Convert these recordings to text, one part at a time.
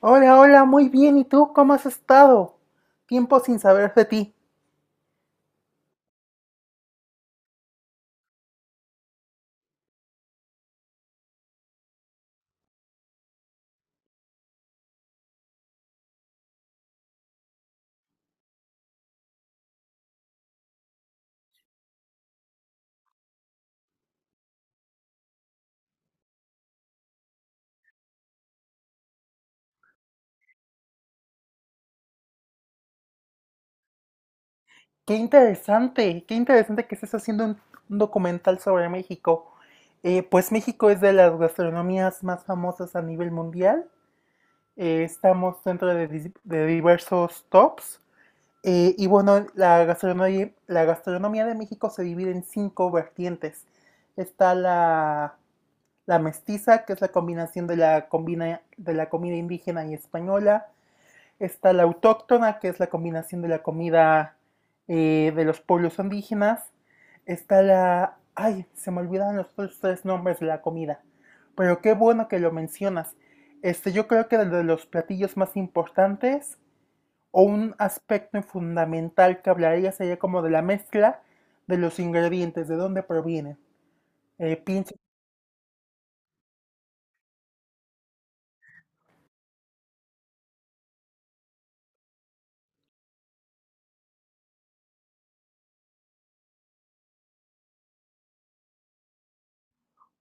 Hola, hola, muy bien. ¿Y tú cómo has estado? Tiempo sin saber de ti. Qué interesante que estés haciendo un documental sobre México. Pues México es de las gastronomías más famosas a nivel mundial. Estamos dentro de diversos tops. Y bueno, la gastronomía de México se divide en cinco vertientes. Está la mestiza, que es la combinación de la comida indígena y española. Está la autóctona, que es la combinación de la comida de los pueblos indígenas. Ay, se me olvidan los otros tres nombres de la comida. Pero qué bueno que lo mencionas. Este, yo creo que de los platillos más importantes o un aspecto fundamental que hablaría sería como de la mezcla de los ingredientes, de dónde provienen. Pinche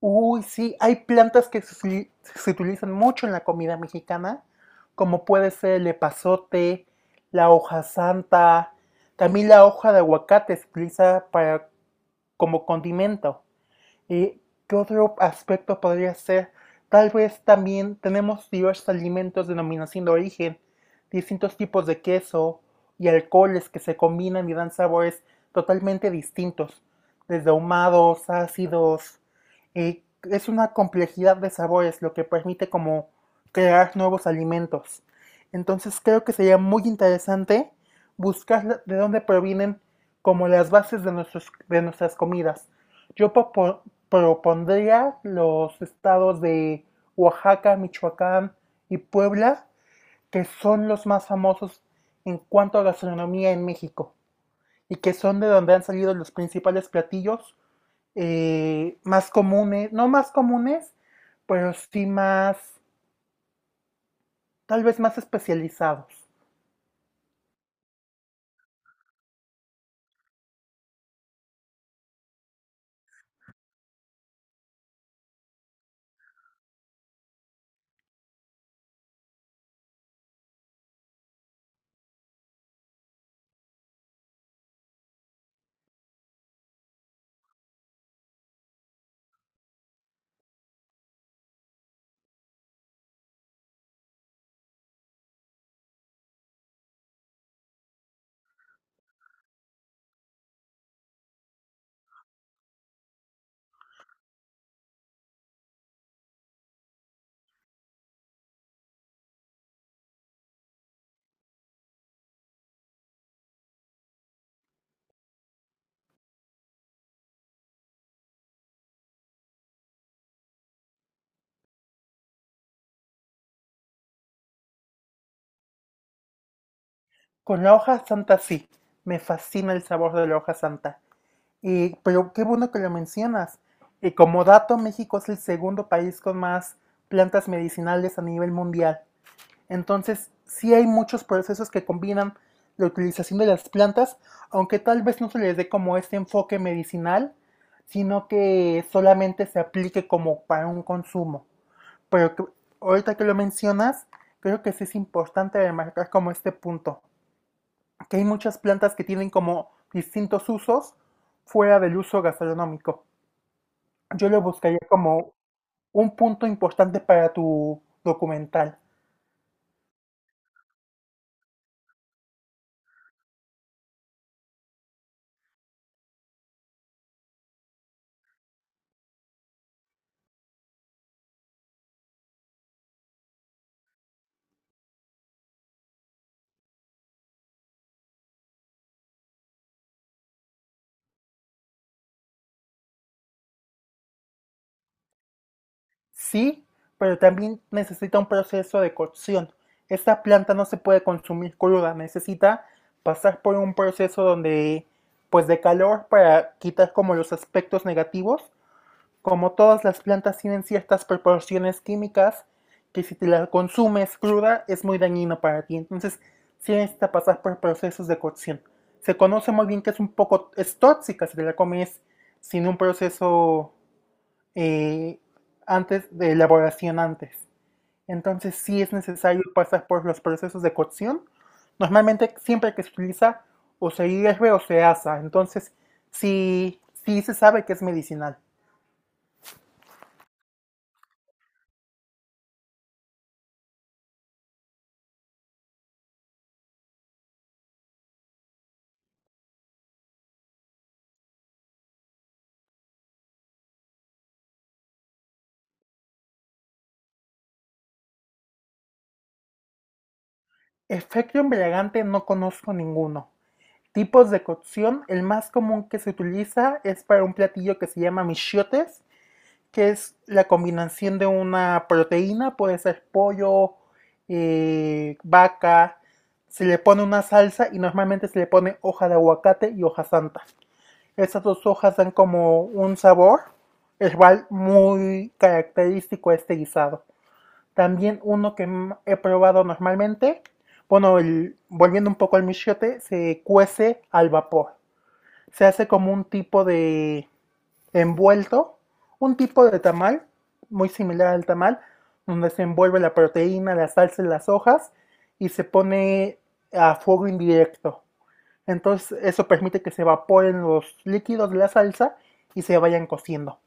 Uy, sí, hay plantas que se utilizan mucho en la comida mexicana, como puede ser el epazote, la hoja santa, también la hoja de aguacate se utiliza para, como condimento. Eh, ¿Qué otro aspecto podría ser? Tal vez también tenemos diversos alimentos de denominación de origen, distintos tipos de queso y alcoholes que se combinan y dan sabores totalmente distintos, desde ahumados, ácidos. eh, es una complejidad de sabores lo que permite como crear nuevos alimentos. Entonces creo que sería muy interesante buscar de dónde provienen como las bases de nuestras comidas. Yo propondría los estados de Oaxaca, Michoacán y Puebla, que son los más famosos en cuanto a gastronomía en México y que son de donde han salido los principales platillos más comunes, no más comunes, pero sí más, tal vez más especializados. Con la hoja santa sí, me fascina el sabor de la hoja santa. Pero qué bueno que lo mencionas. Y como dato, México es el segundo país con más plantas medicinales a nivel mundial. Entonces, sí hay muchos procesos que combinan la utilización de las plantas, aunque tal vez no se les dé como este enfoque medicinal, sino que solamente se aplique como para un consumo. Pero que- Ahorita que lo mencionas, creo que sí es importante remarcar como este punto que hay muchas plantas que tienen como distintos usos fuera del uso gastronómico. Yo lo buscaría como un punto importante para tu documental. Sí, pero también necesita un proceso de cocción. Esta planta no se puede consumir cruda, necesita pasar por un proceso donde pues de calor para quitar como los aspectos negativos. Como todas las plantas tienen ciertas proporciones químicas que si te la consumes cruda es muy dañino para ti. Entonces, sí necesita pasar por procesos de cocción. Se conoce muy bien que es un poco, es tóxica si te la comes sin un proceso eh, antes de elaboración antes. Entonces sí es necesario pasar por los procesos de cocción. Normalmente siempre que se utiliza o se hierve o se asa. Entonces sí, sí se sabe que es medicinal. Efecto embriagante no conozco ninguno. Tipos de cocción, el más común que se utiliza es para un platillo que se llama michiotes, que es la combinación de una proteína, puede ser pollo, vaca, se le pone una salsa y normalmente se le pone hoja de aguacate y hoja santa. Estas dos hojas dan como un sabor herbal muy característico a este guisado. También uno que he probado normalmente, bueno, volviendo un poco al michiote, se cuece al vapor. Se hace como un tipo de envuelto, un tipo de tamal, muy similar al tamal, donde se envuelve la proteína, la salsa y las hojas y se pone a fuego indirecto. Entonces eso permite que se evaporen los líquidos de la salsa y se vayan cociendo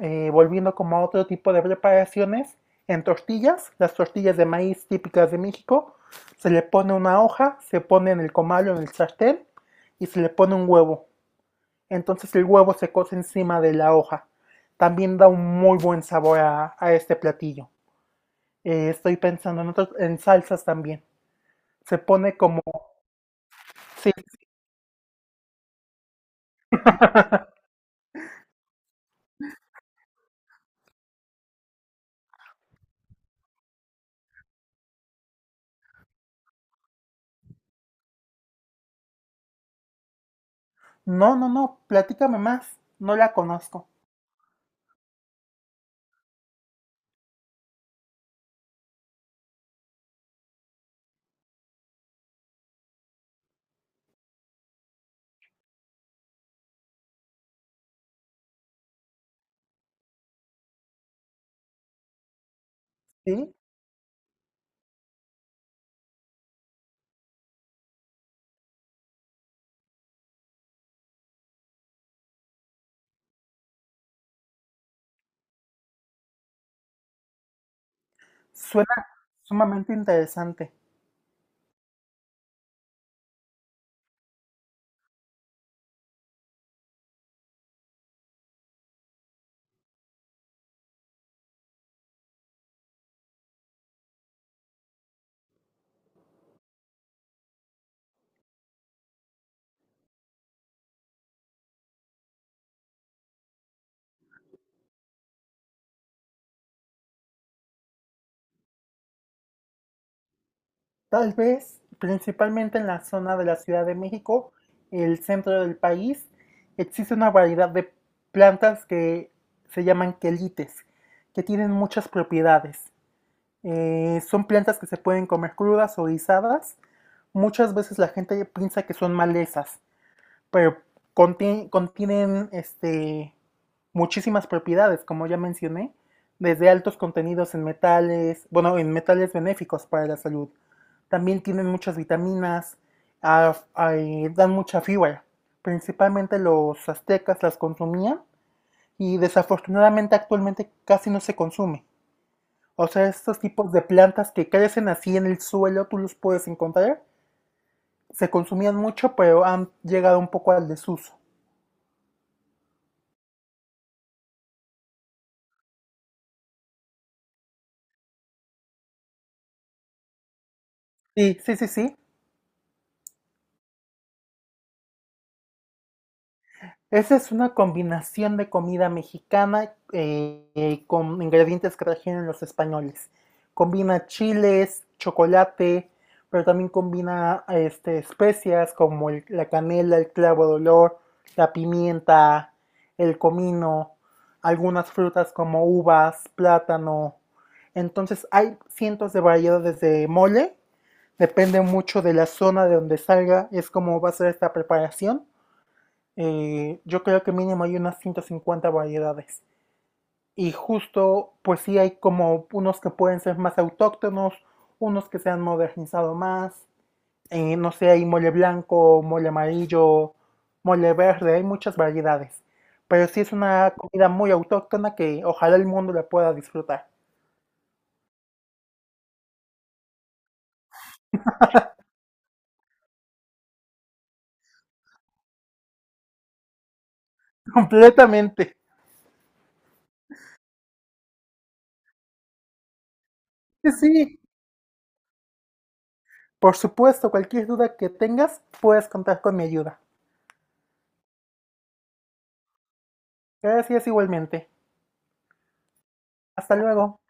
volviendo como a otro tipo de preparaciones, en tortillas, las tortillas de maíz típicas de México, se le pone una hoja, se pone en el comal o en el sartén y se le pone un huevo. Entonces el huevo se cose encima de la hoja. También da un muy buen sabor a este platillo. Estoy pensando en, otros, en salsas también. Se pone como. Sí. No, no, no, platícame más. No la conozco. Sí. Suena sumamente interesante. Tal vez, principalmente en la zona de la Ciudad de México, el centro del país, existe una variedad de plantas que se llaman quelites, que tienen muchas propiedades. Son plantas que se pueden comer crudas o guisadas. Muchas veces la gente piensa que son malezas, pero contienen este, muchísimas propiedades, como ya mencioné, desde altos contenidos en metales, bueno, en metales benéficos para la salud. También tienen muchas vitaminas, dan mucha fibra. Principalmente los aztecas las consumían y desafortunadamente actualmente casi no se consume. O sea, estos tipos de plantas que crecen así en el suelo, tú los puedes encontrar. Se consumían mucho, pero han llegado un poco al desuso. Sí, sí, sí, sí. Esa es una combinación de comida mexicana con ingredientes que trajeron los españoles. Combina chiles, chocolate, pero también combina este, especias como la canela, el clavo de olor, la pimienta, el comino, algunas frutas como uvas, plátano. Entonces hay cientos de variedades de mole. Depende mucho de la zona de donde salga, es como va a ser esta preparación. Yo creo que mínimo hay unas 150 variedades. Y justo, pues sí hay como unos que pueden ser más autóctonos, unos que se han modernizado más. No sé, hay mole blanco, mole amarillo, mole verde, hay muchas variedades. Pero sí es una comida muy autóctona que ojalá el mundo la pueda disfrutar. Completamente. Sí, sí. Por supuesto, cualquier duda que tengas, puedes contar con mi ayuda. Gracias igualmente. Hasta luego.